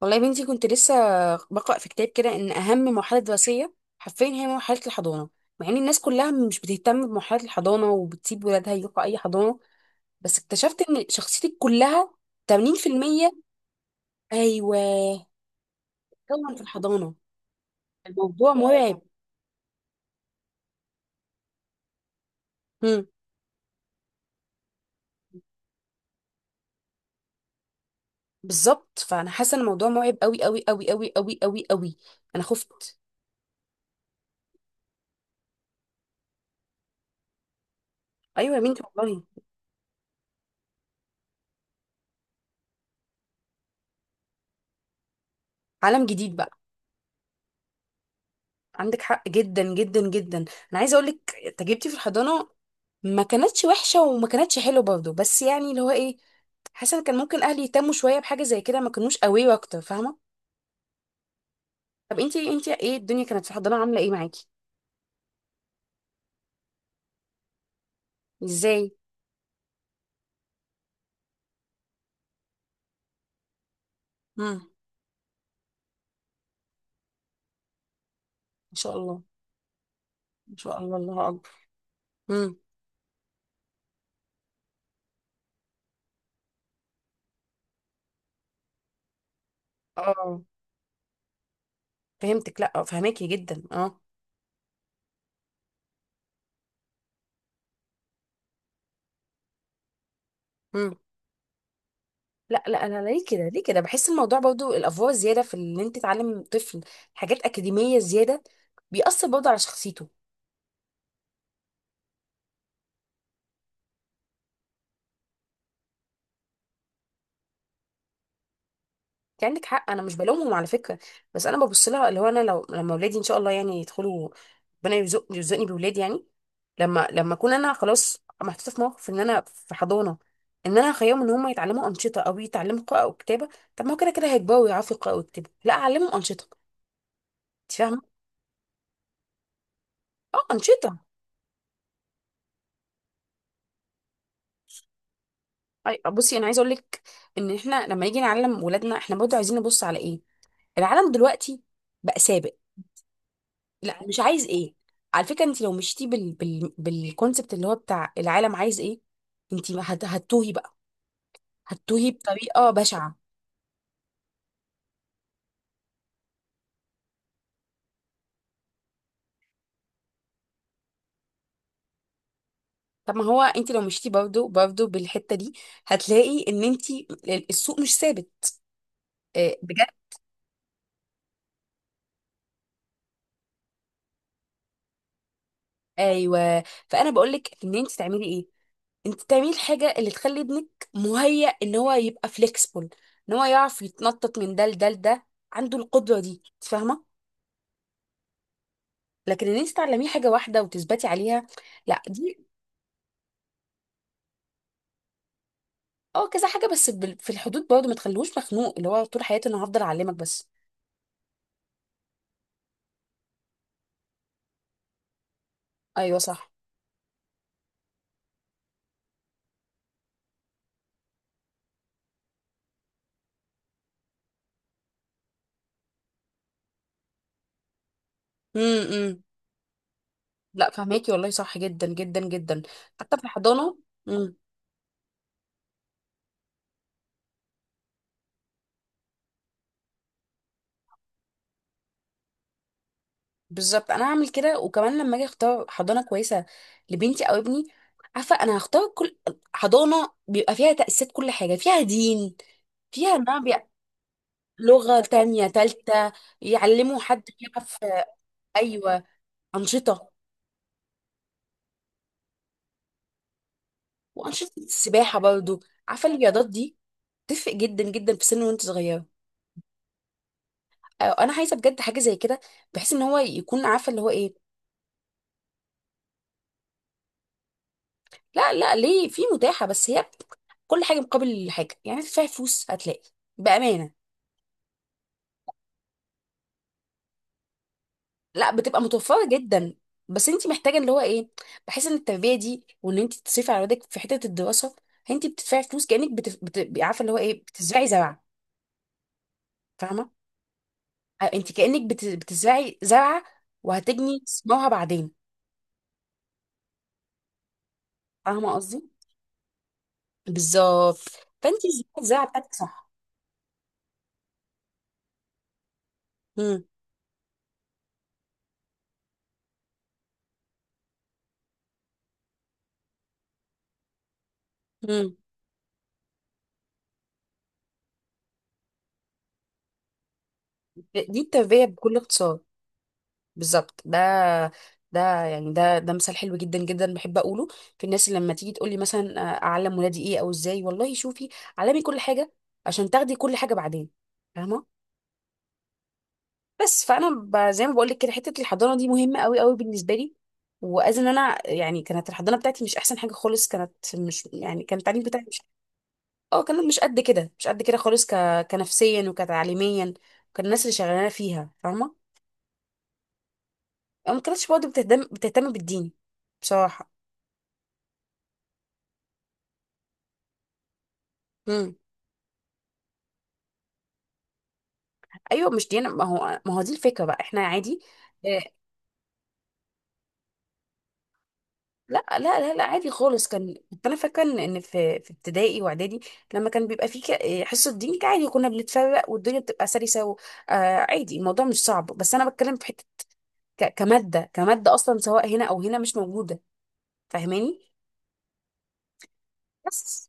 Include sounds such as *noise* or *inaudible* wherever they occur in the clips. والله يا بنتي كنت لسه بقرأ في كتاب كده إن أهم مرحلة دراسية حرفيا هي مرحلة الحضانة، مع إن الناس كلها مش بتهتم بمرحلة الحضانة وبتسيب ولادها يروحوا أي حضانة. بس اكتشفت إن شخصيتك كلها 80%. أيوه، كون في الحضانة. الموضوع مرعب. مم. بالظبط، فأنا حاسة إن الموضوع مرعب أوي أوي أوي أوي أوي أوي أوي. أنا خفت. أيوه يا بنتي والله. عالم جديد بقى. عندك حق جدا جدا جدا، انا عايزه اقول لك تجربتي في الحضانه، ما كانتش وحشه وما كانتش حلوه برضه، بس يعني اللي هو ايه، حاسه إن كان ممكن اهلي يهتموا شويه بحاجه زي كده، ما كانوش قوي اكتر، فاهمه؟ طب انتي ايه الدنيا كانت في الحضانه عامله ايه معاكي؟ ازاي؟ امم. ان شاء الله. ان شاء الله الله اكبر. امم اه. فهمتك، لا آه، فهماكي جدا، اه. امم. لا لا، انا ليه كده ليه كده بحس الموضوع برضو الافوار الزياده في ان انت تعلم طفل حاجات اكاديميه زياده، بيأثر برضو على شخصيته. انت عندك حق، انا مش بلومهم على فكره، بس انا ببص لها اللي هو انا لو لما اولادي ان شاء الله يعني يدخلوا، ربنا يرزقني بولاد يعني، لما اكون انا خلاص محطوطه في موقف ان انا في حضانه، ان انا اخيهم ان هم يتعلموا انشطه او يتعلموا قراءه او كتابه، طب ما هو كده كده هيكبروا ويعرفوا يقراوا ويكتبوا، لا اعلمهم انشطه، انت فاهمه؟ اه، انشطه. بصي انا عايزه اقول لك ان احنا لما نيجي نعلم ولادنا احنا برضه عايزين نبص على ايه، العالم دلوقتي بقى سابق. لا، مش عايز ايه، على فكره انت لو مشيتي بالكونسبت اللي هو بتاع العالم عايز ايه، انت ما هت... هتتوهي بقى، هتتوهي بطريقه بشعه. طب ما هو انت لو مشيتي برضه بالحته دي هتلاقي ان انت السوق مش ثابت، آه، بجد. ايوه، فانا بقول لك ان انت تعملي ايه، انت تعملي الحاجه اللي تخلي ابنك مهيأ ان هو يبقى فليكسبل، ان هو يعرف يتنطط من ده لده، عنده القدره دي، انت فاهمه؟ لكن ان انت تعلميه حاجه واحده وتثبتي عليها، لا دي. اه كذا حاجه، بس في الحدود برضه، ما تخلوش مخنوق اللي هو طول حياتي انا هفضل اعلمك بس. ايوه صح. إمم. لا، فهماكي والله، صح جدا جدا جدا. حتى في الحضانه. امم. بالظبط، انا هعمل كده، وكمان لما اجي اختار حضانه كويسه لبنتي او ابني، عارفه انا هختار كل حضانه بيبقى فيها تاسيس، كل حاجه، فيها دين، فيها لغه تانية تالتة، يعلموا، حد يعرف. ايوه، انشطه. وانشطه السباحه برضه، عارفه الرياضات دي تفرق جدا جدا في سن وانت صغيره، أو انا عايزه بجد حاجه زي كده بحيث ان هو يكون عارفه اللي هو ايه. لا لا، ليه، في متاحه، بس هي كل حاجه مقابل حاجه، يعني هتدفعي فلوس هتلاقي، بامانه. لا، بتبقى متوفره جدا. بس انت محتاجه اللي هو ايه، بحيث ان التربيه دي وان انت تصرفي على ولادك في حته الدراسه، انت بتدفعي فلوس كانك عارفه اللي هو ايه، بتزرعي زرع. فاهمه. آه، انت كانك بتزرعي زرعه، وهتجني ثمارها بعدين. فاهمه قصدي، بالظبط، فانت، الزرعه بتاعتك، صح. مم. مم. دي التربية بكل اختصار. بالظبط، ده يعني ده مثال حلو جدا جدا بحب اقوله، في الناس اللي لما تيجي تقول لي مثلا آه، اعلم ولادي ايه او ازاي، والله شوفي علمي كل حاجة عشان تاخدي كل حاجة بعدين، فاهمة. بس فانا زي ما بقول لك كده، حتة الحضانة دي مهمة قوي قوي بالنسبة لي، واذ ان انا يعني كانت الحضانة بتاعتي مش احسن حاجة خالص، كانت مش يعني كان التعليم بتاعي مش، اه كانت مش قد كده مش قد كده خالص، كنفسيا وكتعليميا، كان الناس اللي شغالانة فيها فاهمة، ما كانتش برضه بتهتم بالدين، بصراحة. امم. ايوه مش ديانة، ما هو دي الفكرة بقى، احنا عادي. آه، لا لا لا لا، عادي خالص، كان كنت انا فاكرة ان إن في ابتدائي واعدادي لما كان بيبقى في حصة دين كان عادي، كنا بنتفرق والدنيا بتبقى سلسة و... آه، عادي، الموضوع مش صعب، بس انا بتكلم في حتة كمادة اصلا، سواء هنا او هنا مش موجودة، فاهماني؟ بس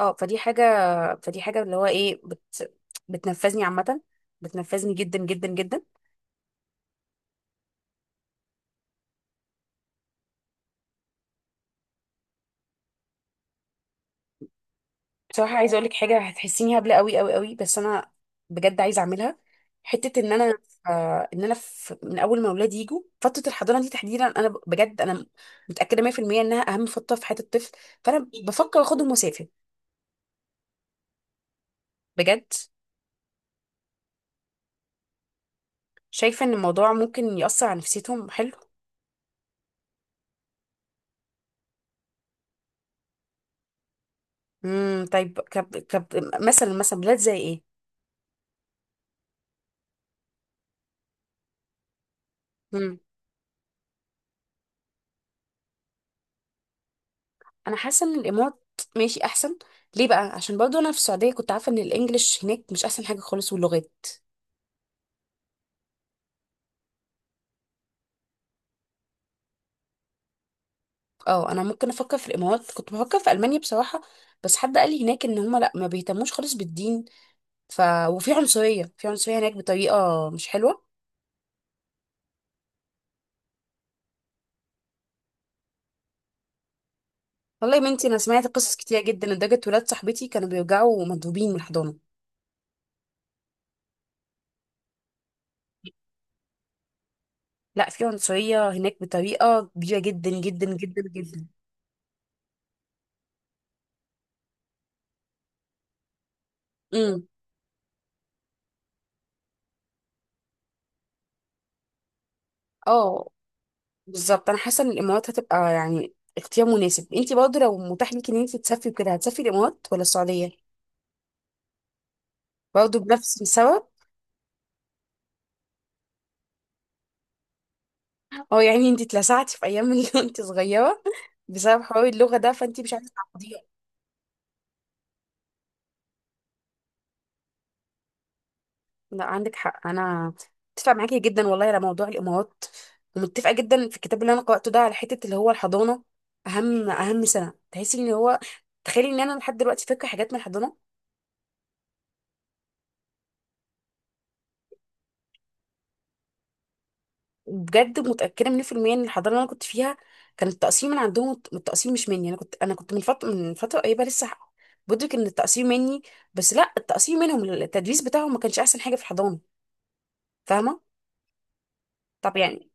اه، فدي حاجة، فدي حاجة اللي هو ايه بتنفذني عامة، بتنفذني جدا جدا جدا. بصراحة عايزة اقولك حاجة هتحسيني هبلة قوي قوي قوي، بس انا بجد عايزة اعملها، حتة ان انا، آه ان انا في من اول ما اولادي يجوا فترة الحضانة دي تحديدا، انا بجد انا متأكدة 100% انها اهم فترة في حياة الطفل، فانا بفكر اخدهم واسافر، بجد. شايفة ان الموضوع ممكن يأثر على نفسيتهم، حلو. امم، طيب، كب كب مثلا بلاد زي ايه؟ امم. انا حاسة ان الامارات ماشي احسن. ليه بقى؟ عشان برضه انا في السعودية كنت عارفة ان الانجليش هناك مش احسن حاجة خالص واللغات. اه، انا ممكن افكر في الامارات، كنت بفكر في المانيا بصراحه، بس حد قال لي هناك ان هم لا، ما بيهتموش خالص بالدين، ف وفي عنصريه في عنصريه هناك بطريقه مش حلوه. والله يا بنتي، انا سمعت قصص كتير جدا لدرجه ولاد صاحبتي كانوا بيرجعوا مضروبين من الحضانه. لا، في عنصريه هناك بطريقه كبيره جدا جدا جدا جدا. امم، اه، بالظبط، انا حاسه ان الامارات هتبقى يعني اختيار مناسب، انتي برضه لو متاح ليكي ان انتي تسافري كده، هتسافري الامارات ولا السعوديه؟ برضه بنفس السبب. هو يعني انت اتلسعتي في ايام اللي *laughs* انت صغيره بسبب حوار اللغه ده، فانت مش عارفه تعوضيه. لا عندك حق، انا متفقه معاكي جدا والله على موضوع الامارات، ومتفقه جدا في الكتاب اللي انا قراته ده على حته اللي هو الحضانه، اهم سنه تحسي ان هو، تخيلي ان انا لحد دلوقتي فاكره حاجات من الحضانه، وبجد متاكده 100% ان الحضانه اللي انا كنت فيها، كان التقسيم من عندهم، التقسيم مش مني، انا كنت من فتره قريبه لسه بدرك ان التقسيم مني، بس لا التقسيم منهم، التدريس بتاعهم ما كانش احسن حاجه في الحضانه، فاهمه؟ طب يعني،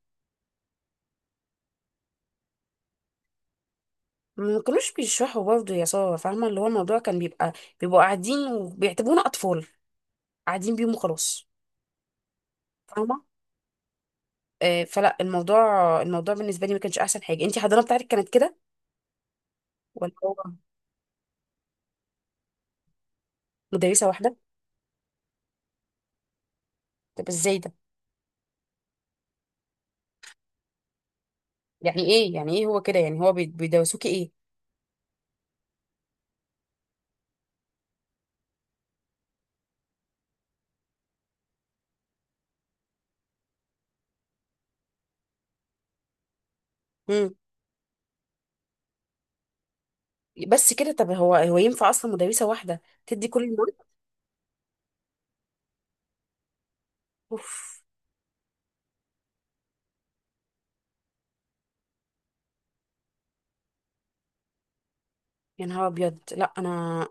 ما كانوش بيشرحوا برضه يا ساره، فاهمه اللي هو الموضوع كان بيبقى، بيبقوا قاعدين وبيعتبرونا اطفال، قاعدين بيهم وخلاص، فاهمه؟ آه فلا الموضوع، الموضوع بالنسبه لي ما كانش احسن حاجه، انتي الحضانه بتاعتك كانت كده ولا؟ هو مدرسه واحده. طب ازاي ده؟ يعني ايه هو كده، يعني هو بيدرسوكي ايه؟ مم. بس كده؟ طب هو ينفع اصلا مدرسه واحده تدي كل المواد؟ اوف. يا نهار ابيض، لا انا،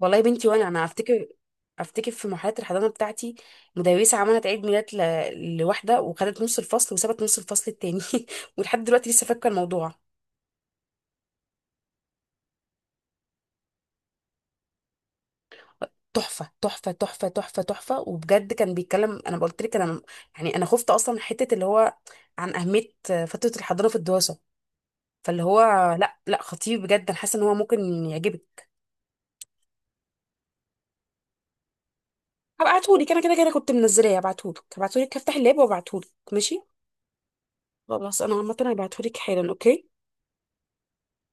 والله يا بنتي، وانا افتكر، افتكر في مرحله الحضانه بتاعتي مدرسه عملت عيد ميلاد لواحده وخدت نص الفصل وسابت نص الفصل التاني *laughs* ولحد دلوقتي لسه فاكره الموضوع. تحفه تحفه تحفه تحفه تحفه، وبجد كان بيتكلم، انا قلت لك، انا يعني انا خفت اصلا من حته اللي هو عن اهميه فتره الحضانه في الدراسه، فاللي هو... لا لا، خطير بجد، انا حاسه ان هو ممكن يعجبك. هبعتهولك، انا كده كده كنت منزلاه، هبعتهولك، هبعتهولك، هفتح اللاب وابعتهولك ماشي، خلاص انا عامه هبعتهولك حالا، اوكي.